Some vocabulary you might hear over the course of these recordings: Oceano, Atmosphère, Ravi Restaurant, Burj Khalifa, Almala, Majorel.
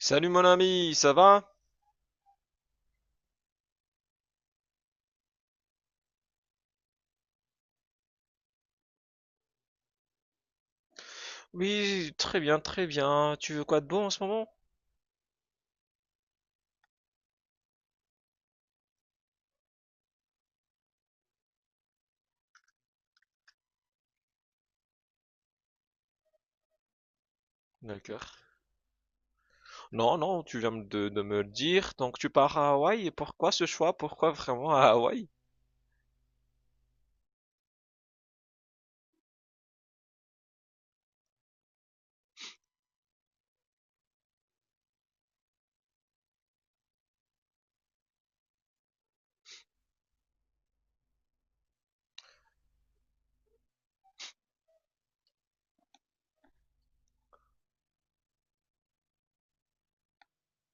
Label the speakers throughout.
Speaker 1: Salut mon ami, ça va? Oui, très bien, très bien. Tu veux quoi de bon en ce moment? D'accord. Non, non, tu viens de me le dire. Donc tu pars à Hawaï, et pourquoi ce choix? Pourquoi vraiment à Hawaï?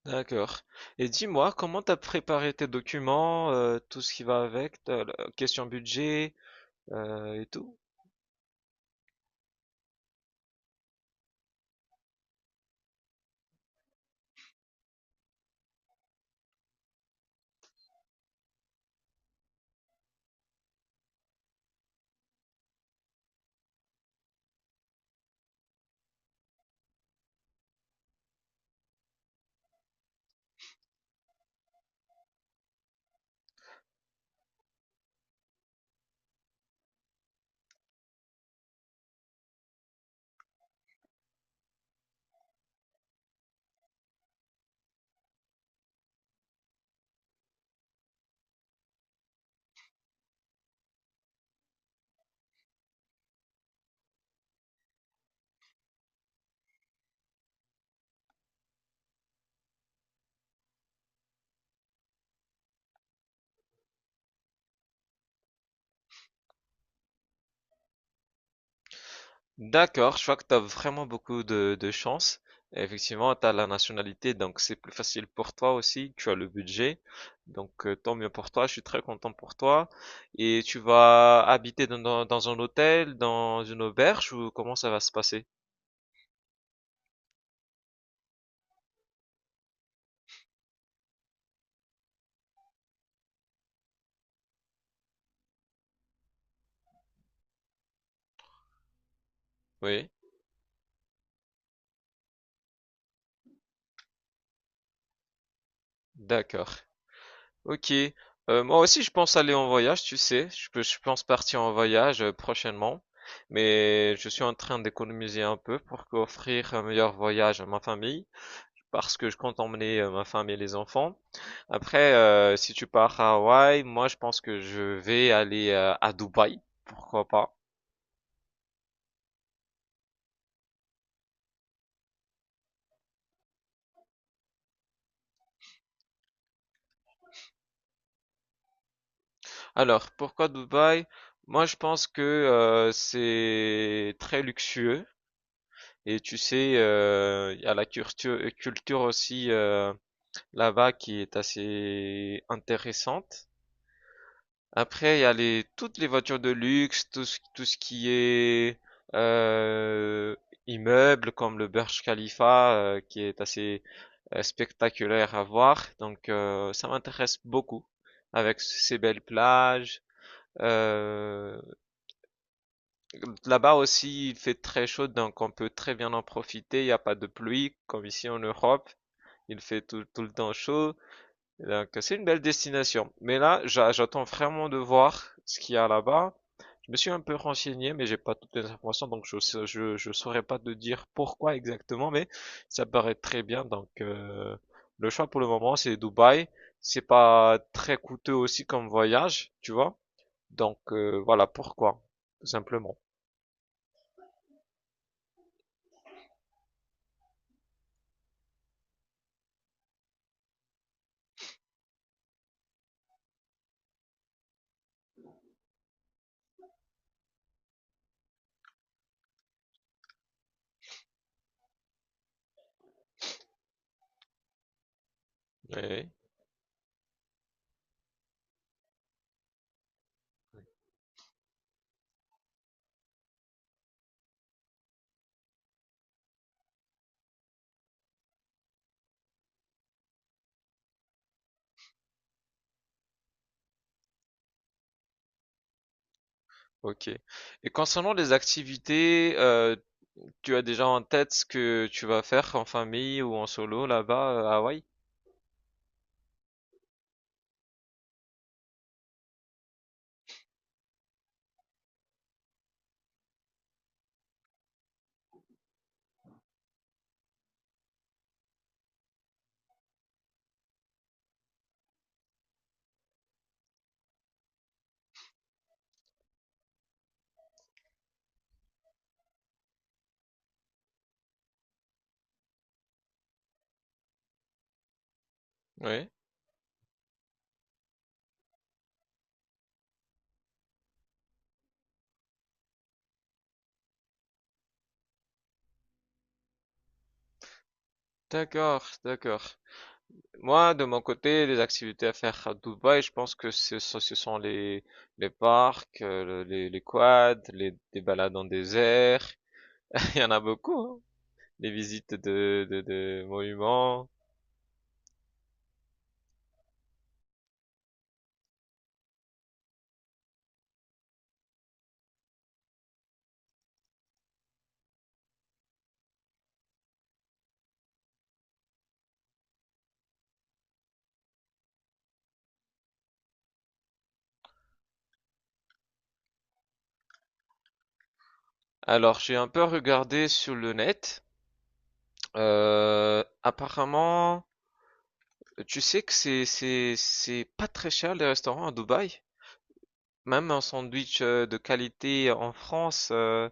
Speaker 1: D'accord. Et dis-moi, comment t'as préparé tes documents, tout ce qui va avec, t'as la question budget, et tout? D'accord, je vois que tu as vraiment beaucoup de chance. Effectivement, tu as la nationalité, donc c'est plus facile pour toi aussi. Tu as le budget, donc tant mieux pour toi. Je suis très content pour toi. Et tu vas habiter dans un hôtel, dans une auberge, ou comment ça va se passer? Oui, d'accord. Ok. Moi aussi, je pense aller en voyage, tu sais. Je pense partir en voyage prochainement. Mais je suis en train d'économiser un peu pour offrir un meilleur voyage à ma famille, parce que je compte emmener ma femme et les enfants. Après, si tu pars à Hawaï, moi je pense que je vais aller à Dubaï, pourquoi pas. Alors, pourquoi Dubaï? Moi je pense que c'est très luxueux et tu sais, il y a la culture aussi là-bas qui est assez intéressante. Après, il y a toutes les voitures de luxe, tout ce qui est euh, immeuble, comme le Burj Khalifa, qui est assez spectaculaire à voir. Donc, ça m'intéresse beaucoup, avec ces belles plages. Euh, Là-bas aussi, il fait très chaud, donc on peut très bien en profiter. Il n'y a pas de pluie, comme ici en Europe. Il fait tout le temps chaud. Donc, c'est une belle destination. Mais là, j'attends vraiment de voir ce qu'il y a là-bas. Je me suis un peu renseigné, mais j'ai pas toutes les informations, donc je saurais pas te dire pourquoi exactement, mais ça paraît très bien. Donc, le choix pour le moment, c'est Dubaï. C'est pas très coûteux aussi comme voyage, tu vois. Donc, voilà pourquoi, tout simplement. Ouais. Ok. Et concernant les activités, tu as déjà en tête ce que tu vas faire en famille ou en solo là-bas à Hawaï? Oui. D'accord, d'accord. Moi, de mon côté, les activités à faire à Dubaï, je pense que ce sont les parcs, les quads, des balades en désert. Il y en a beaucoup, hein. Les visites de monuments. Alors, j'ai un peu regardé sur le net. Apparemment, tu sais que c'est pas très cher les restaurants à Dubaï. Même un sandwich de qualité en France,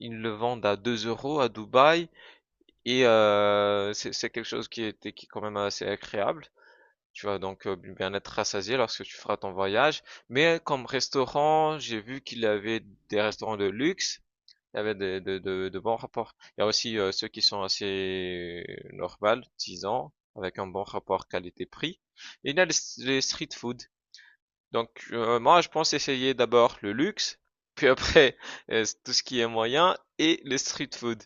Speaker 1: ils le vendent à 2 € à Dubaï et c'est quelque chose qui est quand même assez agréable. Tu vas donc bien être rassasié lorsque tu feras ton voyage. Mais comme restaurant, j'ai vu qu'il avait des restaurants de luxe, il y avait de bons rapports. Il y a aussi ceux qui sont assez normales, 10 ans, avec un bon rapport qualité-prix. Et il y a les street food. Donc moi, je pense essayer d'abord le luxe, puis après tout ce qui est moyen et les street food.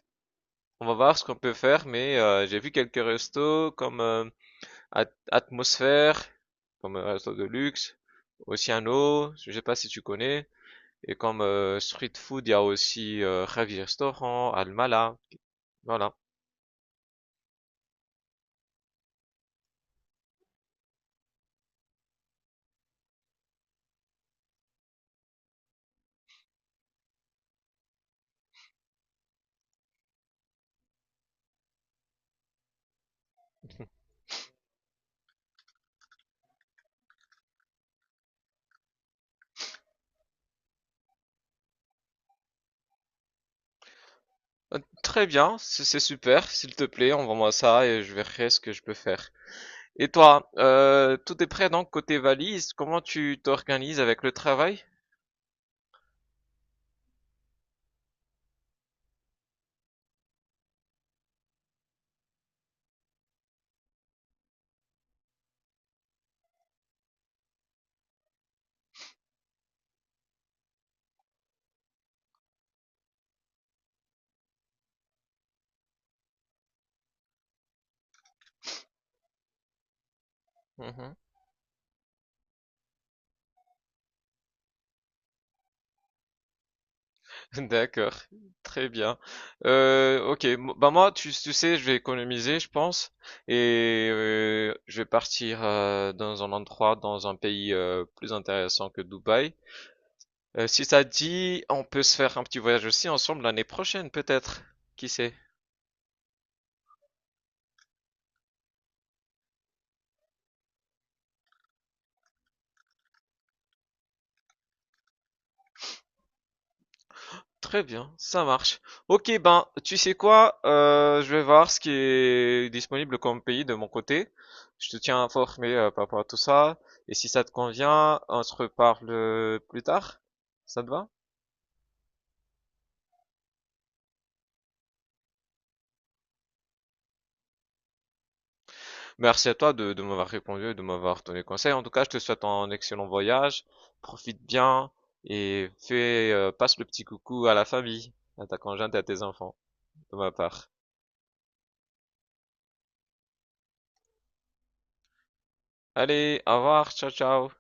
Speaker 1: On va voir ce qu'on peut faire, mais j'ai vu quelques restos comme Atmosphère, comme un resto de luxe, Oceano, je sais pas si tu connais. Et comme street food, il y a aussi Ravi Restaurant, Almala. Voilà. Très bien, c'est super. S'il te plaît, envoie-moi ça et je verrai ce que je peux faire. Et toi, tout est prêt donc côté valise. Comment tu t'organises avec le travail? Mhm. D'accord, très bien. Ok, bah moi, tu sais, je vais économiser, je pense, et je vais partir dans un endroit, dans un pays plus intéressant que Dubaï. Si ça te dit, on peut se faire un petit voyage aussi ensemble l'année prochaine, peut-être. Qui sait? Très bien, ça marche. Ok, ben, tu sais quoi? Je vais voir ce qui est disponible comme pays de mon côté. Je te tiens informé par rapport à tout ça. Et si ça te convient, on se reparle plus tard. Ça te va? Merci à toi de m'avoir répondu et de m'avoir donné conseil. En tout cas, je te souhaite un excellent voyage. Profite bien et passe le petit coucou à la famille, à ta conjointe et à tes enfants, de ma part. Allez, au revoir, ciao ciao.